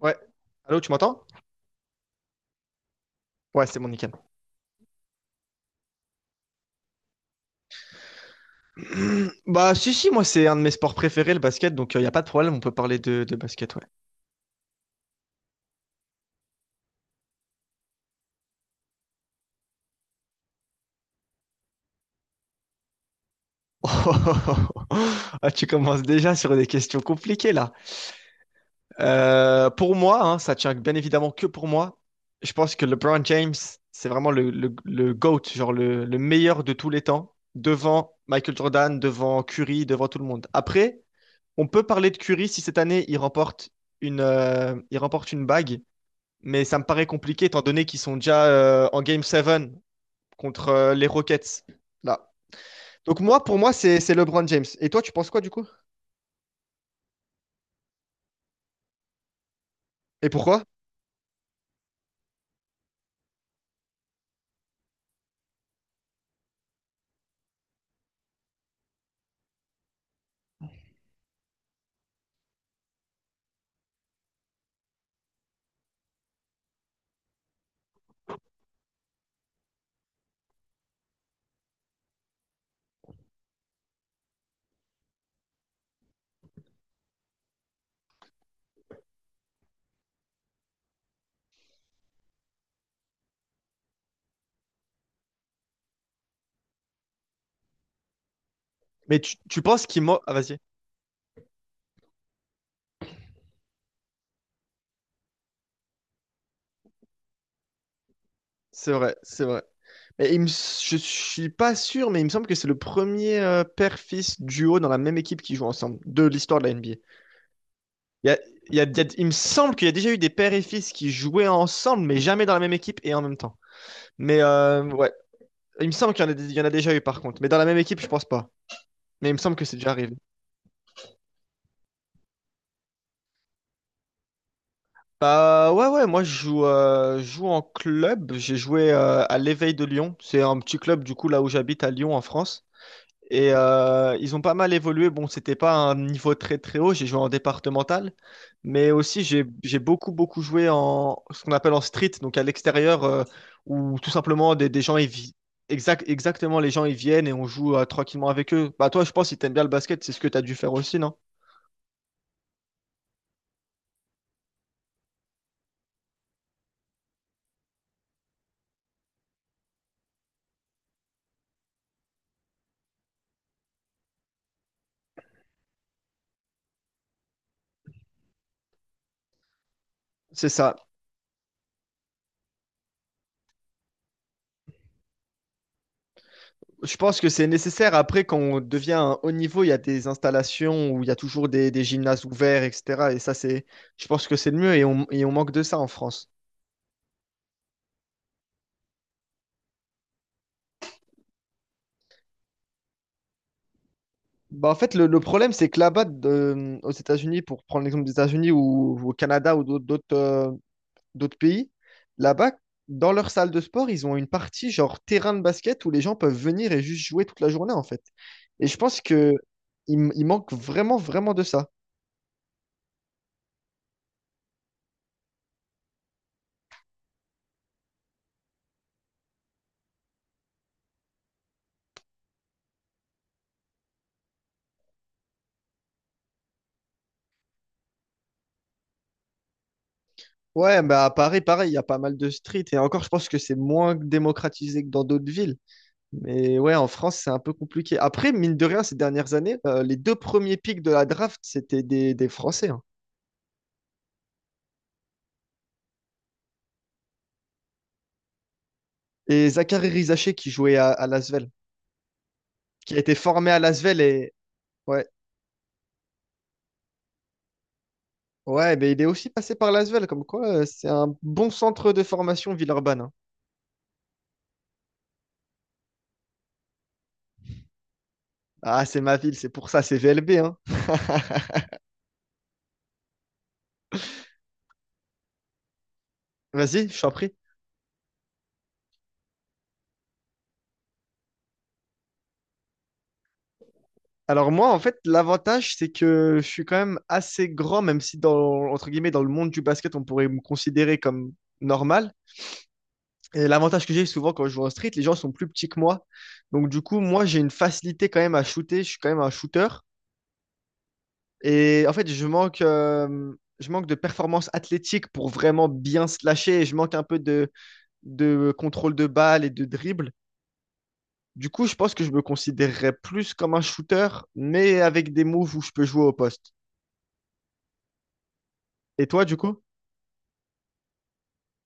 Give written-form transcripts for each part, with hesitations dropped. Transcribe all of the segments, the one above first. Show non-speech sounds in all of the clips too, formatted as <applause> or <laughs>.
Ouais. Allô, tu m'entends? Ouais, c'est bon, nickel. <clears throat> Bah, si, si, moi, c'est un de mes sports préférés, le basket, donc il n'y a pas de problème, on peut parler de basket, ouais. <laughs> Ah, tu commences déjà sur des questions compliquées, là. Pour moi, hein, ça tient bien évidemment que pour moi. Je pense que LeBron James, c'est vraiment le GOAT, genre le meilleur de tous les temps, devant Michael Jordan, devant Curry, devant tout le monde. Après, on peut parler de Curry si cette année, il remporte il remporte une bague, mais ça me paraît compliqué étant donné qu'ils sont déjà en Game 7 contre les Rockets. Là. Donc moi, pour moi, c'est LeBron James. Et toi, tu penses quoi du coup? Et pourquoi? Mais tu penses qu'il m'a... Ah, vas-y. C'est vrai, c'est vrai. Mais il me... je suis pas sûr, mais il me semble que c'est le premier père-fils duo dans la même équipe qui joue ensemble de l'histoire de la NBA. Il, y a- il y a- il y a- Il me semble qu'il y a déjà eu des pères et fils qui jouaient ensemble, mais jamais dans la même équipe et en même temps. Mais ouais, il me semble qu'il y en a, il y en a déjà eu par contre. Mais dans la même équipe, je pense pas. Mais il me semble que c'est déjà arrivé. Bah ouais, ouais, moi je joue en club. J'ai joué à l'Éveil de Lyon. C'est un petit club du coup là où j'habite à Lyon en France. Et ils ont pas mal évolué. Bon, c'était pas un niveau très très haut. J'ai joué en départemental, mais aussi j'ai beaucoup beaucoup joué en ce qu'on appelle en street, donc à l'extérieur, où tout simplement des gens ils vi- exact exactement les gens ils viennent et on joue tranquillement avec eux. Bah toi, je pense si t'aimes bien le basket, c'est ce que t'as dû faire aussi, non? C'est ça. Je pense que c'est nécessaire. Après, quand on devient un haut niveau, il y a des installations où il y a toujours des gymnases ouverts, etc. Et ça, je pense que c'est le mieux et et on manque de ça en France. Bah, en fait, le problème, c'est que là-bas, aux États-Unis, pour prendre l'exemple des États-Unis ou au Canada ou d'autres pays, là-bas, dans leur salle de sport, ils ont une partie genre terrain de basket où les gens peuvent venir et juste jouer toute la journée, en fait. Et je pense que il, m- il manque vraiment, vraiment de ça. Ouais, bah à Paris, pareil, il y a pas mal de streets. Et encore, je pense que c'est moins démocratisé que dans d'autres villes. Mais ouais, en France, c'est un peu compliqué. Après, mine de rien, ces dernières années, les deux premiers pics de la draft, c'était des Français, hein. Et Zachary Rizaché qui jouait à Lasvel, qui a été formé à Lasvel. Et ouais, ouais, mais il est aussi passé par Lasvel, comme quoi c'est un bon centre de formation Villeurbanne, hein. Ah, c'est ma ville, c'est pour ça, c'est VLB, hein. <laughs> Vas-y, je t'en prie. Alors moi, en fait, l'avantage, c'est que je suis quand même assez grand, même si dans, entre guillemets, dans le monde du basket, on pourrait me considérer comme normal. Et l'avantage que j'ai souvent quand je joue en street, les gens sont plus petits que moi. Donc du coup, moi, j'ai une facilité quand même à shooter. Je suis quand même un shooter. Et en fait, je manque de performance athlétique pour vraiment bien slasher. Et je manque un peu de contrôle de balle et de dribble. Du coup, je pense que je me considérerais plus comme un shooter, mais avec des moves où je peux jouer au poste. Et toi, du coup?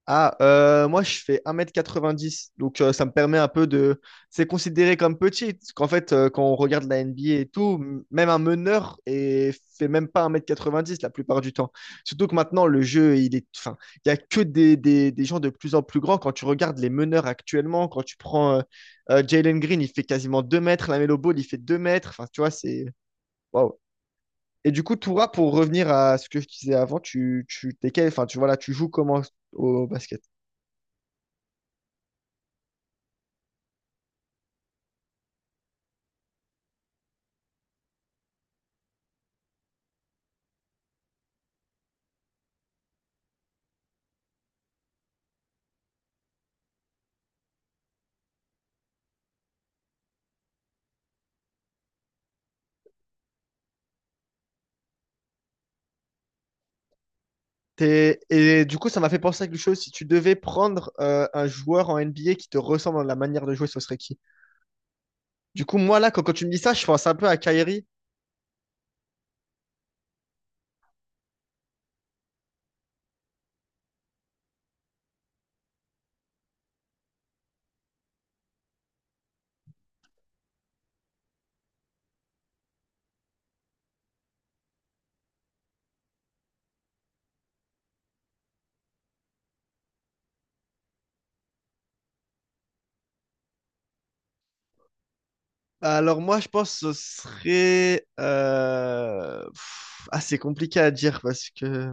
Moi je fais 1,90 m donc ça me permet un peu de... C'est considéré comme petit, parce qu'en fait quand on regarde la NBA et tout, même un meneur et fait même pas 1,90 m la plupart du temps. Surtout que maintenant le jeu, il est... Enfin, il y a que des gens de plus en plus grands. Quand tu regardes les meneurs actuellement, quand tu prends Jalen Green, il fait quasiment 2 m, Lamelo Ball, il fait 2 m, enfin tu vois, c'est... Waouh. Et du coup, Toura, pour revenir à ce que je disais avant, tu, t'es quel- enfin, tu, voilà, tu joues comment au basket? Et du coup, ça m'a fait penser à quelque chose. Si tu devais prendre un joueur en NBA qui te ressemble dans la manière de jouer, ce serait qui? Du coup, moi, là, quand tu me dis ça, je pense un peu à Kyrie. Alors, moi, je pense que ce serait... pff, ah, c'est compliqué à dire parce que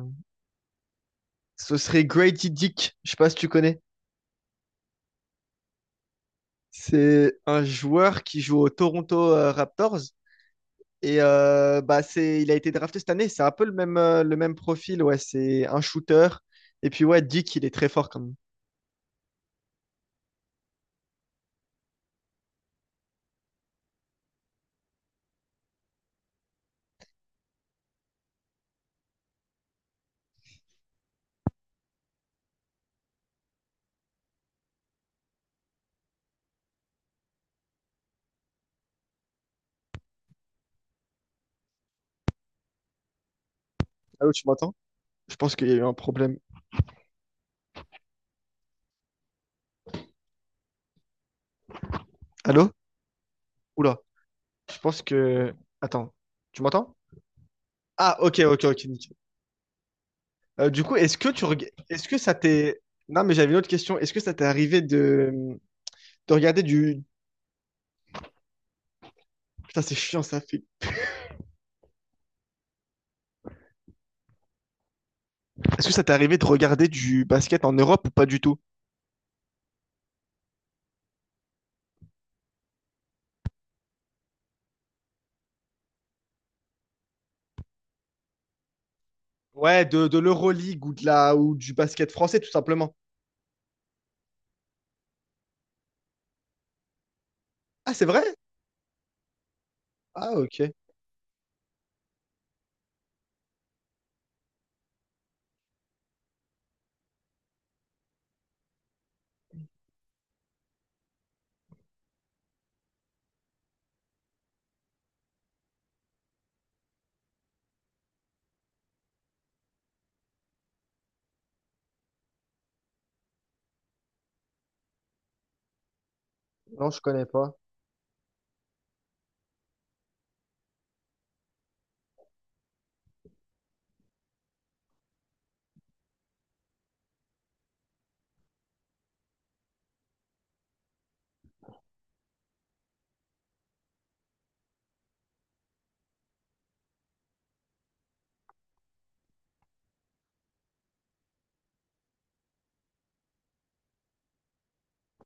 ce serait Grady Dick. Je sais pas si tu connais. C'est un joueur qui joue aux Toronto Raptors. Et bah, c'est... il a été drafté cette année. C'est un peu le même profil. Ouais, c'est un shooter. Et puis, ouais, Dick, il est très fort quand même. Allô, tu m'entends? Je pense qu'il y a eu un problème. Allô? Oula. Je pense que. Attends. Tu m'entends? Ah, ok, ok, ok, nickel. Du coup, est-ce que tu reg- est-ce que ça t'est. Non, mais j'avais une autre question. Est-ce que ça t'est arrivé de regarder du. Putain, c'est chiant, ça fait. Est-ce que ça t'est arrivé de regarder du basket en Europe ou pas du tout? Ouais, de l'Euroleague ou de la ou du basket français, tout simplement. Ah, c'est vrai? Ah, ok. Non, je connais pas.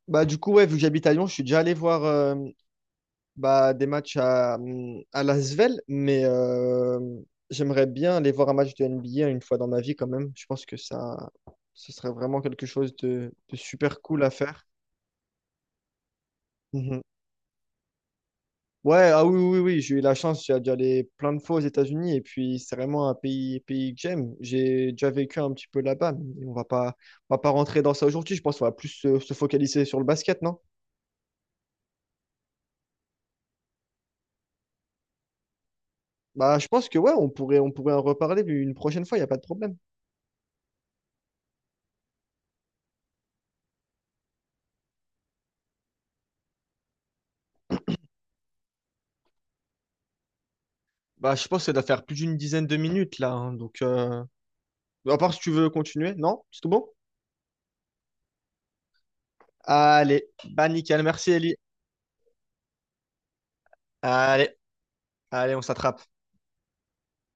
Bah, du coup, ouais, vu que j'habite à Lyon, je suis déjà allé voir, bah, des matchs à Lasvel, mais j'aimerais bien aller voir un match de NBA une fois dans ma vie quand même. Je pense que ça, ce serait vraiment quelque chose de super cool à faire. Mhm. Ouais, ah oui, oui, oui, j'ai eu la chance d'y aller plein de fois aux États-Unis et puis c'est vraiment un pays, pays que j'aime. J'ai déjà vécu un petit peu là-bas, mais on va pas rentrer dans ça aujourd'hui. Je pense qu'on va plus se focaliser sur le basket, non? Bah, je pense que ouais, on pourrait en reparler une prochaine fois, il n'y a pas de problème. Bah, je pense que ça doit faire plus d'une dizaine de minutes là, hein, donc, à part si tu veux continuer, non? C'est tout bon? Allez, bah nickel, merci Ellie. Allez, allez, on s'attrape.